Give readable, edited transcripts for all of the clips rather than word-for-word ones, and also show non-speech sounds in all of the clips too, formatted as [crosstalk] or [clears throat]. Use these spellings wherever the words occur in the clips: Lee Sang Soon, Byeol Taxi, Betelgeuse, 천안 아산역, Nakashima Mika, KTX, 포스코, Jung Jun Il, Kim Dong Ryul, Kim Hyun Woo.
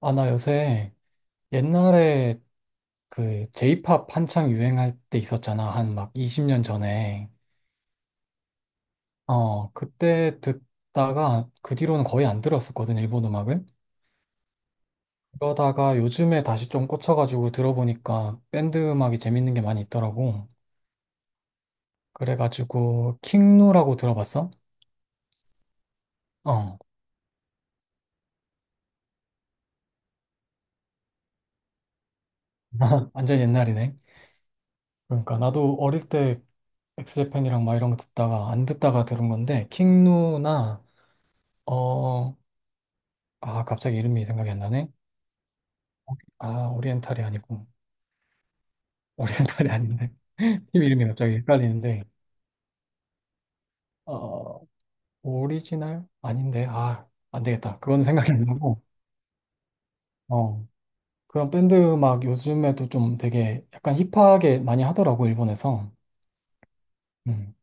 아, 나 요새 옛날에 그 J-pop 한창 유행할 때 있었잖아. 한 막 20년 전에. 어, 그때 듣다가 그 뒤로는 거의 안 들었었거든, 일본 음악을. 그러다가 요즘에 다시 좀 꽂혀가지고 들어보니까 밴드 음악이 재밌는 게 많이 있더라고. 그래가지고 킹누라고 들어봤어? 어, [laughs] 완전 옛날이네. 그러니까 나도 어릴 때 엑스제팬이랑 막 이런 거 듣다가 안 듣다가 들은 건데 킹누나 어, 아, 갑자기 이름이 생각이 안 나네. 아, 오리엔탈이 아니고, 오리엔탈이 아닌데. [laughs] 팀 이름이 갑자기 헷갈리는데, 어, 오리지널? 아닌데, 아, 안 되겠다. 그건 생각이 안 나고, 어, 그런 밴드 막 요즘에도 좀 되게 약간 힙하게 많이 하더라고, 일본에서. 음.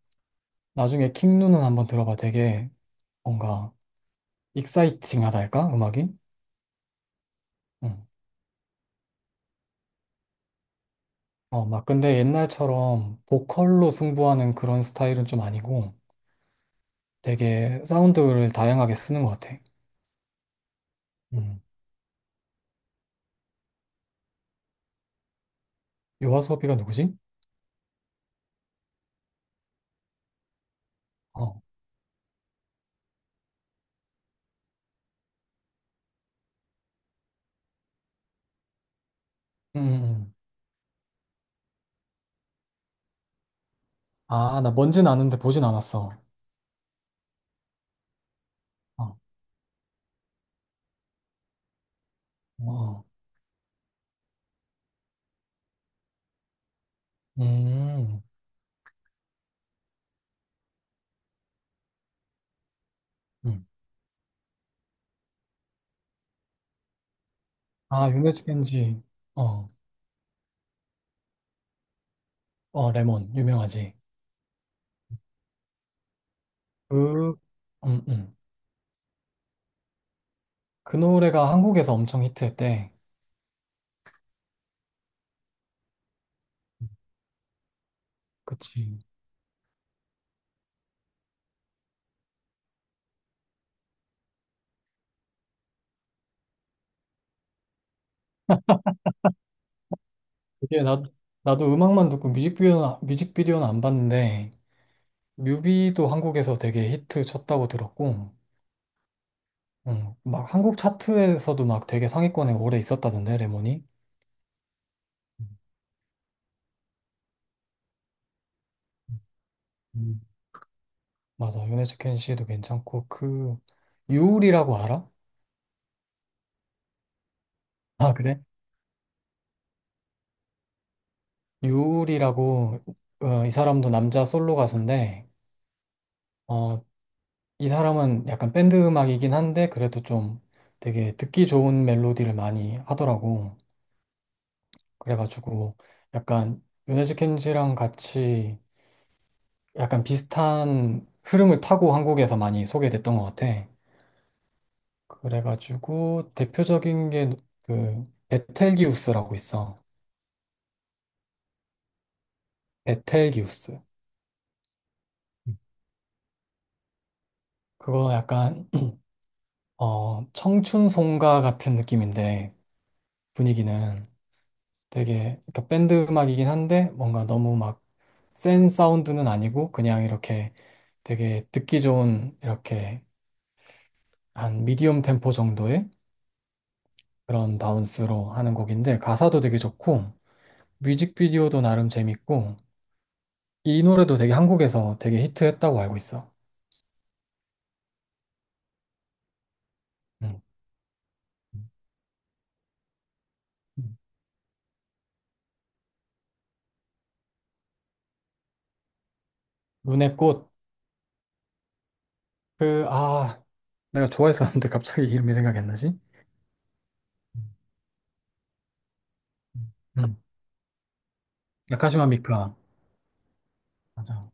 나중에 킹누는 한번 들어봐. 되게 뭔가 익사이팅하다 할까? 음악이? 음. 어, 막 근데 옛날처럼 보컬로 승부하는 그런 스타일은 좀 아니고 되게 사운드를 다양하게 쓰는 것 같아. 음. 요아소비가 누구지? 어, 음. 아, 나 뭔지는 아는데 보진 않았어. 어, 어, 음, 음. 아, 유네스겐지 어, 어, 레몬, 유명하지. 그, 음, 음. 그 노래가 한국에서 엄청 히트했대. 그치. 이게 나도 음악만 듣고 뮤직비디오는 안 봤는데, 뮤비도 한국에서 되게 히트 쳤다고 들었고, 막 한국 차트에서도 막 되게 상위권에 오래 있었다던데, 레몬이. 음, 맞아. 유네즈켄 씨도 괜찮고 그 유울이라고 알아? 아, 그래? 유울이라고 어, 이 사람도 남자 솔로 가수인데 어, 이 사람은 약간 밴드 음악이긴 한데 그래도 좀 되게 듣기 좋은 멜로디를 많이 하더라고. 그래가지고 약간 요네즈 켄지랑 같이 약간 비슷한 흐름을 타고 한국에서 많이 소개됐던 것 같아. 그래가지고 대표적인 게 그 베텔기우스라고 있어. 베텔기우스. 그거 약간 [clears throat] 어, 청춘송가 같은 느낌인데 분위기는 되게 그러니까 밴드 음악이긴 한데 뭔가 너무 막 센 사운드는 아니고 그냥 이렇게 되게 듣기 좋은 이렇게 한 미디엄 템포 정도의 그런 바운스로 하는 곡인데 가사도 되게 좋고 뮤직비디오도 나름 재밌고 이 노래도 되게 한국에서 되게 히트했다고 알고 있어. 음. 음. 눈의 꽃. 그, 아, 내가 좋아했었는데 갑자기 [laughs] 이름이 생각이 안 나지? 음, 나카시마 미카. 맞아.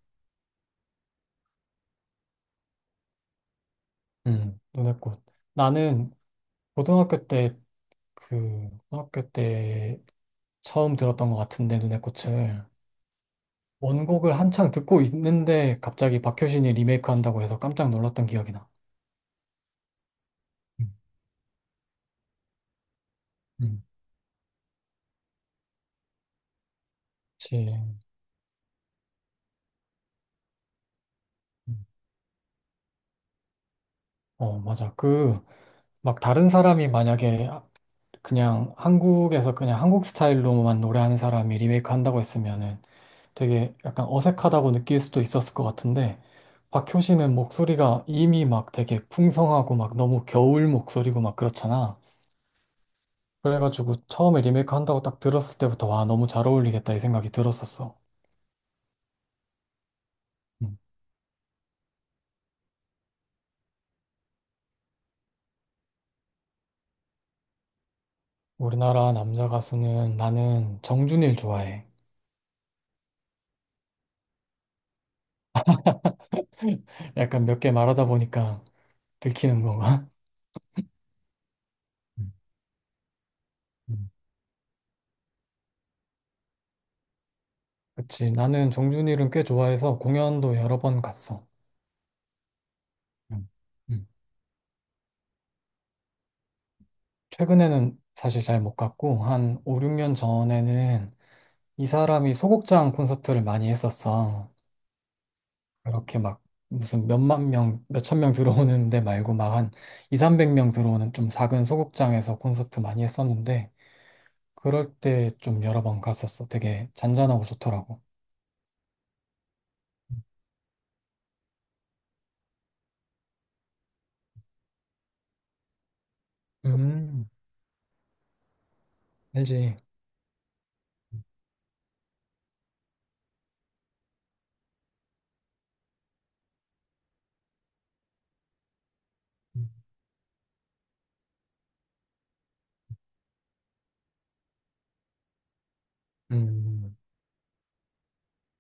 눈의 꽃. 나는 고등학교 때 그, 고등학교 때 처음 들었던 것 같은데, 눈의 꽃을. 원곡을 한창 듣고 있는데, 갑자기 박효신이 리메이크 한다고 해서 깜짝 놀랐던 기억이 나. 음, 음, 그치. 음, 어, 맞아. 그, 막 다른 사람이 만약에 그냥 한국에서 그냥 한국 스타일로만 노래하는 사람이 리메이크 한다고 했으면은 되게 약간 어색하다고 느낄 수도 있었을 것 같은데 박효신은 목소리가 이미 막 되게 풍성하고 막 너무 겨울 목소리고 막 그렇잖아. 그래가지고 처음에 리메이크 한다고 딱 들었을 때부터 와 너무 잘 어울리겠다 이 생각이 들었었어. 음. 우리나라 남자 가수는 나는 정준일 좋아해. 약간 몇 개 말하다 보니까 들키는 건가? [laughs] 음, 음, 그치. 나는 정준일은 꽤 좋아해서 공연도 여러 번 갔어. 음, 음. 최근에는 사실 잘 못 갔고, 한 5, 6년 전에는 이 사람이 소극장 콘서트를 많이 했었어. 그렇게 막 무슨 몇만 명, 몇천 명 들어오는 데 말고 막 한 2, 300명 들어오는 좀 작은 소극장에서 콘서트 많이 했었는데 그럴 때 좀 여러 번 갔었어. 되게 잔잔하고 좋더라고. 음. 알지? 음. 음.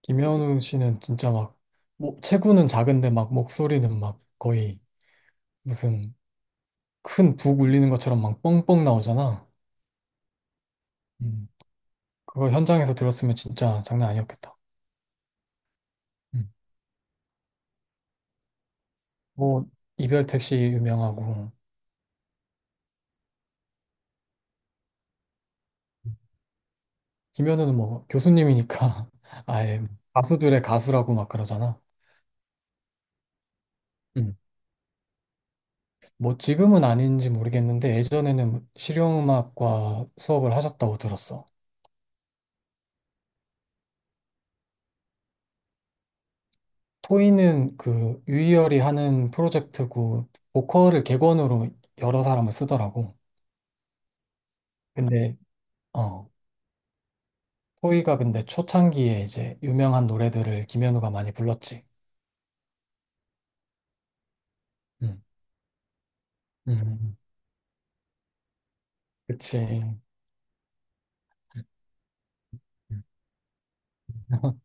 김현우 씨는 진짜 막 뭐, 체구는 작은데 막 목소리는 막 거의 무슨 큰 북 울리는 것처럼 막 뻥뻥 나오잖아. 음. 그거 현장에서 들었으면 진짜 장난 아니었겠다. 뭐 이별 택시 유명하고 김현우는 뭐 교수님이니까 [laughs] 아예 뭐 가수들의 가수라고 막 그러잖아. 음. 뭐 지금은 아닌지 모르겠는데 예전에는 실용음악과 수업을 하셨다고 들었어. 토이는 그 유희열이 하는 프로젝트고 보컬을 객원으로 여러 사람을 쓰더라고. 근데 어 토이가 근데 초창기에 이제 유명한 노래들을 김현우가 많이 불렀지. 음. 음. 그치. [laughs]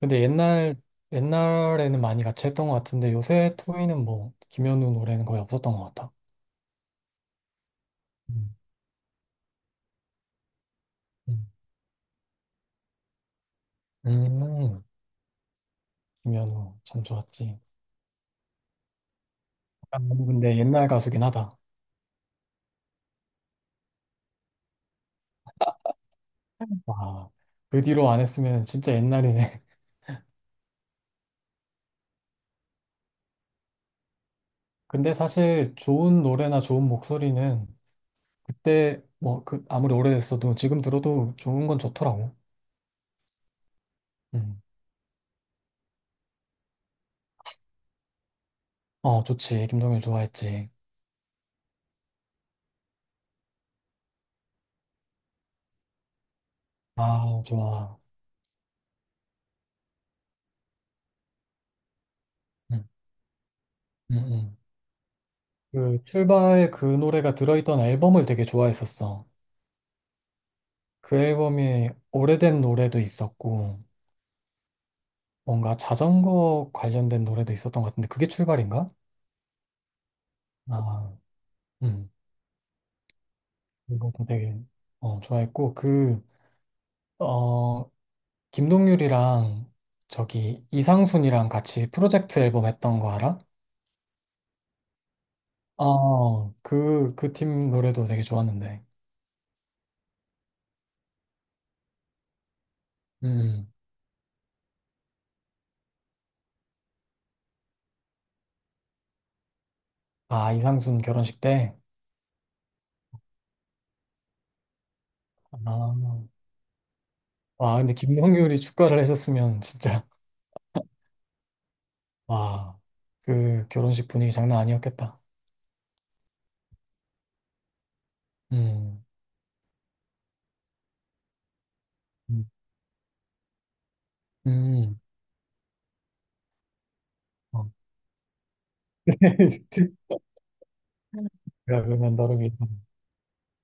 근데 옛날에는 많이 같이 했던 것 같은데 요새 토이는 뭐, 김현우 노래는 거의 없었던 것 같아. 음, 음. 음, 김현우 참 좋았지. 아, 근데 옛날 가수긴 하다. 와, 그 뒤로 안 했으면 진짜 옛날이네. [laughs] 근데 사실 좋은 노래나 좋은 목소리는 그때 뭐 그 아무리 오래됐어도 지금 들어도 좋은 건 좋더라고. 음. 어, 좋지. 김동률 좋아했지. 아, 좋아. 음, 음, 음. 그 출발 그 노래가 들어있던 앨범을 되게 좋아했었어. 그 앨범에 오래된 노래도 있었고, 뭔가 자전거 관련된 노래도 있었던 것 같은데, 그게 출발인가? 아, 음. 이것도 되게, 어, 좋아했고, 그, 어, 김동률이랑 저기 이상순이랑 같이 프로젝트 앨범 했던 거 알아? 어, 그, 그 팀 노래도 되게 좋았는데. 음. 아, 이상순 결혼식 때? 아, 와, 근데 김동률이 축가를 해줬으면 진짜 와, 그 결혼식 분위기 장난 아니었겠다. 음, 음, 음. 어. [laughs] 그러면 다르게.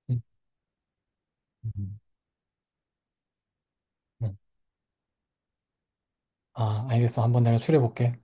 음, 음, 음. 아, 알겠어. 한번 내가 추려볼게.